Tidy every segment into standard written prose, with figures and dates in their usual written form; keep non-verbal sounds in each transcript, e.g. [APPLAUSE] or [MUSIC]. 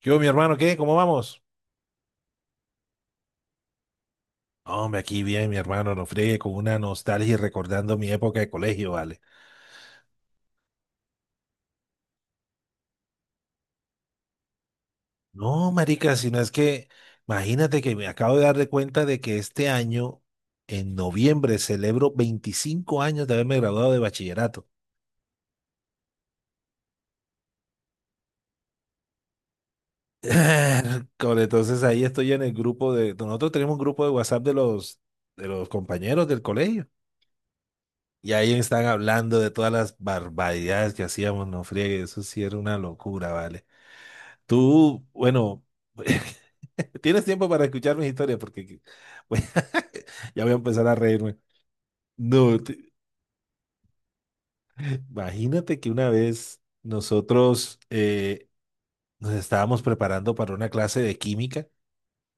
¿Qué hubo, mi hermano? ¿Qué? ¿Cómo vamos? Hombre, aquí bien, mi hermano, no friegue con una nostalgia y recordando mi época de colegio, ¿vale? No, marica, sino es que imagínate que me acabo de dar de cuenta de que este año, en noviembre, celebro 25 años de haberme graduado de bachillerato. [LAUGHS] Entonces ahí estoy en el grupo de... nosotros tenemos un grupo de WhatsApp de los compañeros del colegio. Y ahí están hablando de todas las barbaridades que hacíamos, no friegue, eso sí era una locura, ¿vale? Tú, bueno, [LAUGHS] tienes tiempo para escuchar mis historias porque bueno, [LAUGHS] ya voy a empezar a reírme. No, imagínate que una vez nosotros nos estábamos preparando para una clase de química.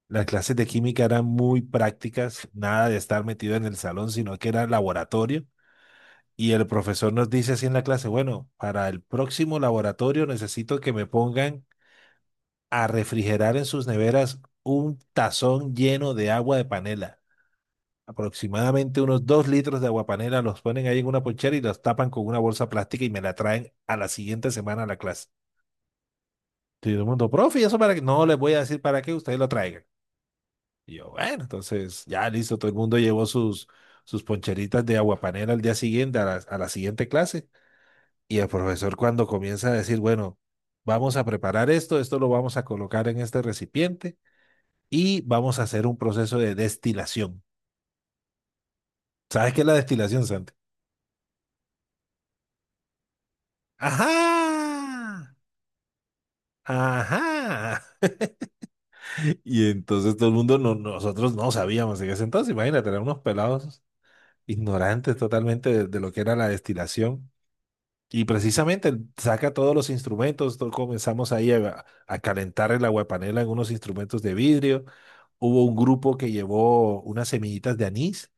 Las clases de química eran muy prácticas, nada de estar metido en el salón, sino que era laboratorio. Y el profesor nos dice así en la clase, bueno, para el próximo laboratorio necesito que me pongan a refrigerar en sus neveras un tazón lleno de agua de panela. Aproximadamente unos 2 litros de aguapanela, los ponen ahí en una ponchera y los tapan con una bolsa plástica y me la traen a la siguiente semana a la clase. Y todo el mundo, profe, ¿y eso para qué? No les voy a decir para qué, ustedes lo traigan. Y yo, bueno, entonces ya listo, todo el mundo llevó sus, sus poncheritas de aguapanela al día siguiente, a la siguiente clase. Y el profesor cuando comienza a decir, bueno, vamos a preparar esto, esto lo vamos a colocar en este recipiente y vamos a hacer un proceso de destilación. ¿Sabes qué es la destilación, Santi? Ajá. Ajá. Y entonces todo el mundo, no, nosotros no sabíamos en ese entonces, imagínate, eran unos pelados ignorantes totalmente de lo que era la destilación. Y precisamente saca todos los instrumentos, comenzamos ahí a calentar el aguapanela en unos instrumentos de vidrio. Hubo un grupo que llevó unas semillitas de anís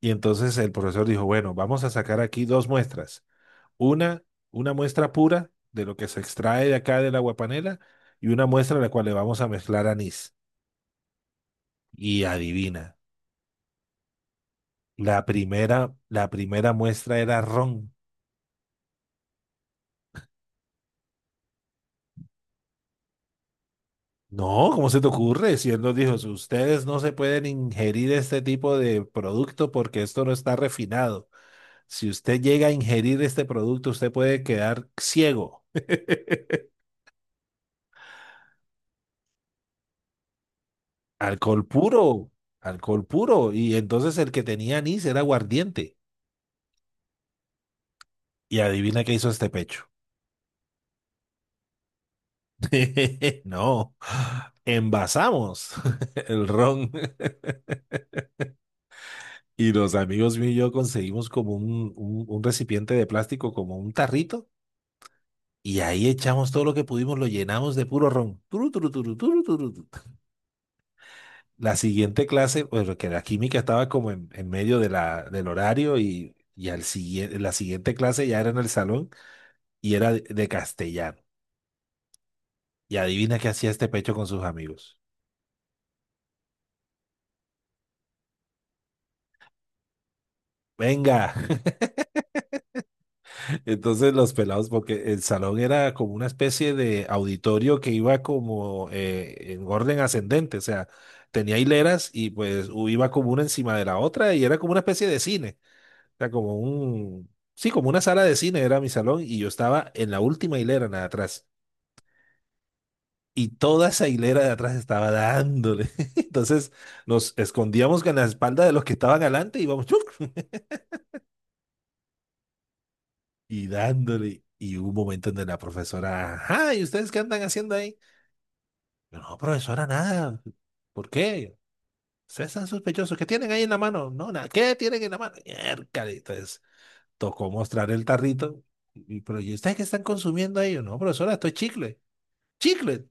y entonces el profesor dijo, bueno, vamos a sacar aquí dos muestras. Una, una muestra pura de lo que se extrae de acá del aguapanela y una muestra en la cual le vamos a mezclar anís. Y adivina, la primera muestra era ron. No, ¿cómo se te ocurre? Si él nos dijo, "Si ustedes no se pueden ingerir este tipo de producto porque esto no está refinado. Si usted llega a ingerir este producto, usted puede quedar ciego". [LAUGHS] Alcohol puro, alcohol puro. Y entonces el que tenía anís era aguardiente. Y adivina qué hizo este pecho. [LAUGHS] No, envasamos [LAUGHS] el ron. Y los amigos míos y yo conseguimos como un recipiente de plástico, como un tarrito, y ahí echamos todo lo que pudimos, lo llenamos de puro ron. Turu, turu, turu, turu, turu, tu. La siguiente clase, pues que la química estaba como en medio de la, del horario y al siguiente, la siguiente clase ya era en el salón y era de castellano. Y adivina qué hacía este pecho con sus amigos. Venga, entonces los pelados, porque el salón era como una especie de auditorio que iba como en orden ascendente, o sea, tenía hileras y pues iba como una encima de la otra y era como una especie de cine, o sea, como un, sí, como una sala de cine era mi salón y yo estaba en la última hilera, nada atrás. Y toda esa hilera de atrás estaba dándole. [LAUGHS] Entonces nos escondíamos con la espalda de los que estaban adelante y íbamos [LAUGHS] y dándole. Y hubo un momento donde la profesora, ajá, ¿y ustedes qué andan haciendo ahí? Yo, no, profesora, nada. ¿Por qué? Ustedes están sospechosos. ¿Qué tienen ahí en la mano? No, nada. ¿Qué tienen en la mano? Miércoles. Entonces, tocó mostrar el tarrito. Y, pero, ¿y ustedes qué están consumiendo ahí? Yo, no, profesora, esto es chicle. ¡Chicle!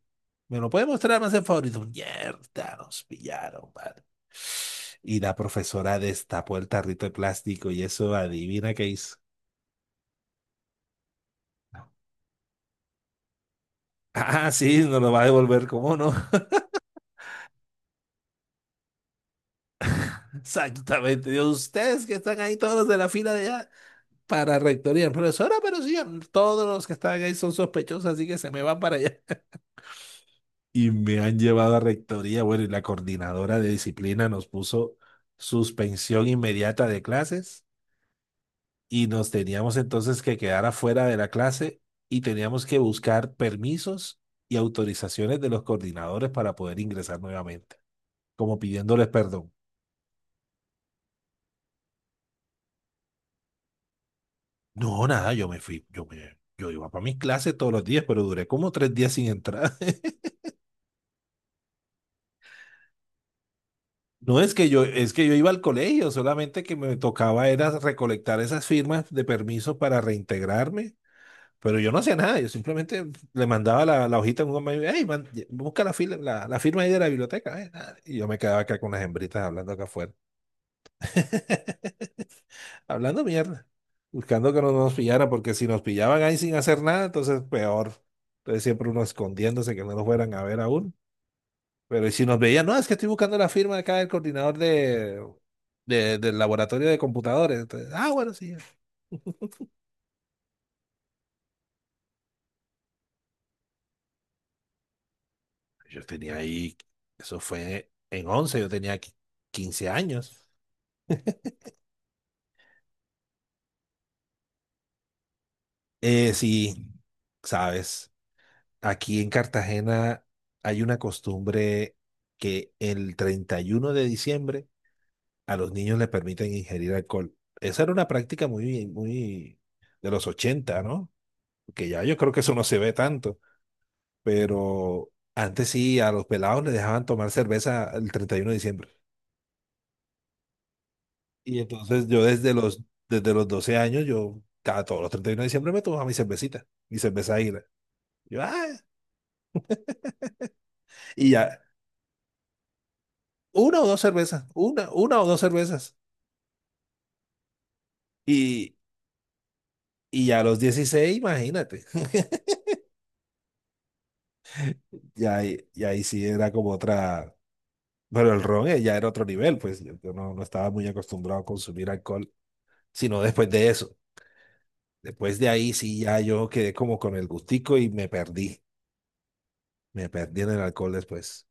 ¿Me lo puede mostrar más en favorito? Mierda, nos pillaron, vale. Y la profesora destapó el tarrito de plástico y eso, adivina qué hizo. [LAUGHS] Ah, sí, nos lo va a devolver, ¿cómo no? [LAUGHS] Exactamente. Dios, ustedes que están ahí todos de la fila de allá. Para rectoría. Profesora, pero sí, todos los que están ahí son sospechosos, así que se me van para allá. [LAUGHS] Y me han llevado a rectoría. Bueno, y la coordinadora de disciplina nos puso suspensión inmediata de clases y nos teníamos entonces que quedar afuera de la clase y teníamos que buscar permisos y autorizaciones de los coordinadores para poder ingresar nuevamente, como pidiéndoles perdón. No, nada, yo me fui, yo iba para mis clases todos los días, pero duré como 3 días sin entrar. [LAUGHS] No es que yo, es que yo iba al colegio, solamente que me tocaba era recolectar esas firmas de permiso para reintegrarme, pero yo no hacía nada, yo simplemente le mandaba la hojita a un amigo, hey, man, busca la firma ahí de la biblioteca, ah, y yo me quedaba acá con las hembritas hablando acá afuera, [LAUGHS] hablando mierda, buscando que no nos pillaran, porque si nos pillaban ahí sin hacer nada, entonces peor, entonces siempre uno escondiéndose que no nos fueran a ver aún, pero y si nos veían, no, es que estoy buscando la firma acá del coordinador de, del laboratorio de computadores. Entonces, ah, bueno, sí. Yo tenía ahí, eso fue en once, yo tenía 15 años. Sí, sabes, aquí en Cartagena hay una costumbre que el 31 de diciembre a los niños les permiten ingerir alcohol. Esa era una práctica muy, muy de los ochenta, ¿no? Que ya yo creo que eso no se ve tanto. Pero antes sí, a los pelados les dejaban tomar cerveza el 31 de diciembre. Y entonces yo desde los 12 años, yo cada todos los 31 de diciembre me tomaba mi cervecita, mi cerveza águila. Yo, ah, y ya, una o dos cervezas, una o dos cervezas. Y, y ya a los 16 imagínate. [LAUGHS] Y ahí sí era como otra, pero el ron ya era otro nivel, pues yo no, estaba muy acostumbrado a consumir alcohol, sino después de eso. Después de ahí sí ya yo quedé como con el gustico y me perdí. Me perdí en el alcohol después.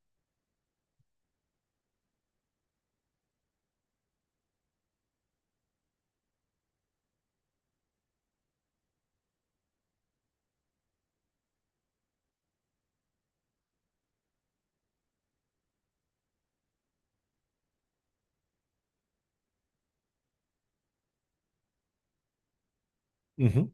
Ujú.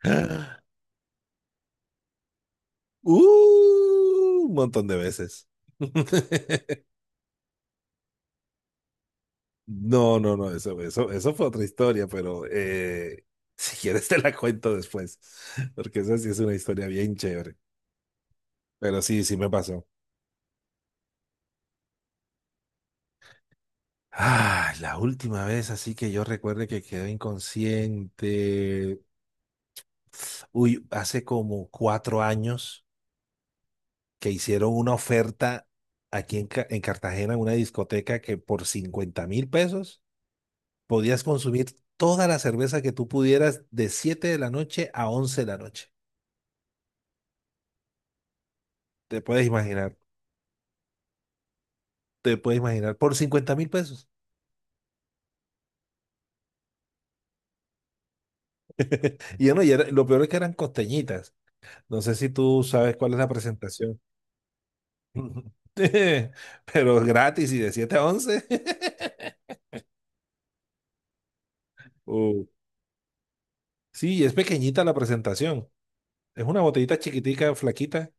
[GASPS] Un montón de veces. [LAUGHS] No, no, no, eso fue otra historia, pero si quieres te la cuento después, porque esa sí es una historia bien chévere. Pero sí, sí me pasó. Ah, la última vez, así que yo recuerde que quedé inconsciente. Uy, hace como 4 años. Que hicieron una oferta aquí en Cartagena, en una discoteca que por 50.000 pesos podías consumir toda la cerveza que tú pudieras de 7 de la noche a 11 de la noche. Te puedes imaginar, te puedes imaginar, por 50.000 pesos. [LAUGHS] Y yo no, lo peor es que eran costeñitas. No sé si tú sabes cuál es la presentación. [LAUGHS] Pero gratis y de 7 a 11. [LAUGHS] Uh, sí, es pequeñita la presentación. Es una botellita chiquitica, flaquita.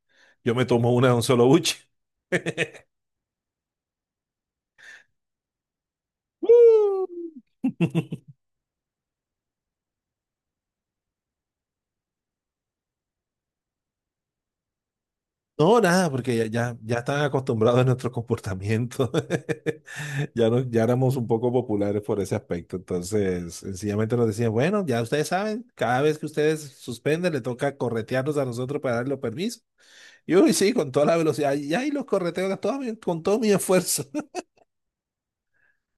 Yo me tomo una de un solo buche. [LAUGHS] ¡Woo! No, nada, porque ya, ya están acostumbrados a nuestro comportamiento. [LAUGHS] Ya, no, ya éramos un poco populares por ese aspecto. Entonces, sencillamente nos decían, bueno, ya ustedes saben, cada vez que ustedes suspenden, le toca corretearnos a nosotros para darle permiso. Y uy, sí, con toda la velocidad. Y ahí los correteo a todo con todo mi esfuerzo.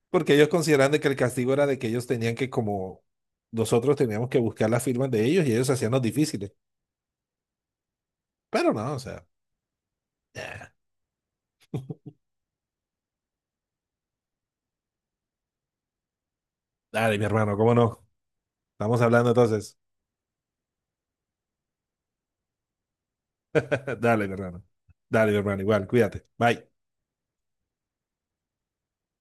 Porque ellos consideran de que el castigo era de que ellos tenían que, como nosotros teníamos que buscar las firmas de ellos y ellos hacían los difíciles. Pero no, o sea, eh, dale, mi hermano, ¿cómo no? Estamos hablando entonces. [LAUGHS] Dale, mi hermano. Dale, mi hermano, igual, cuídate. Bye.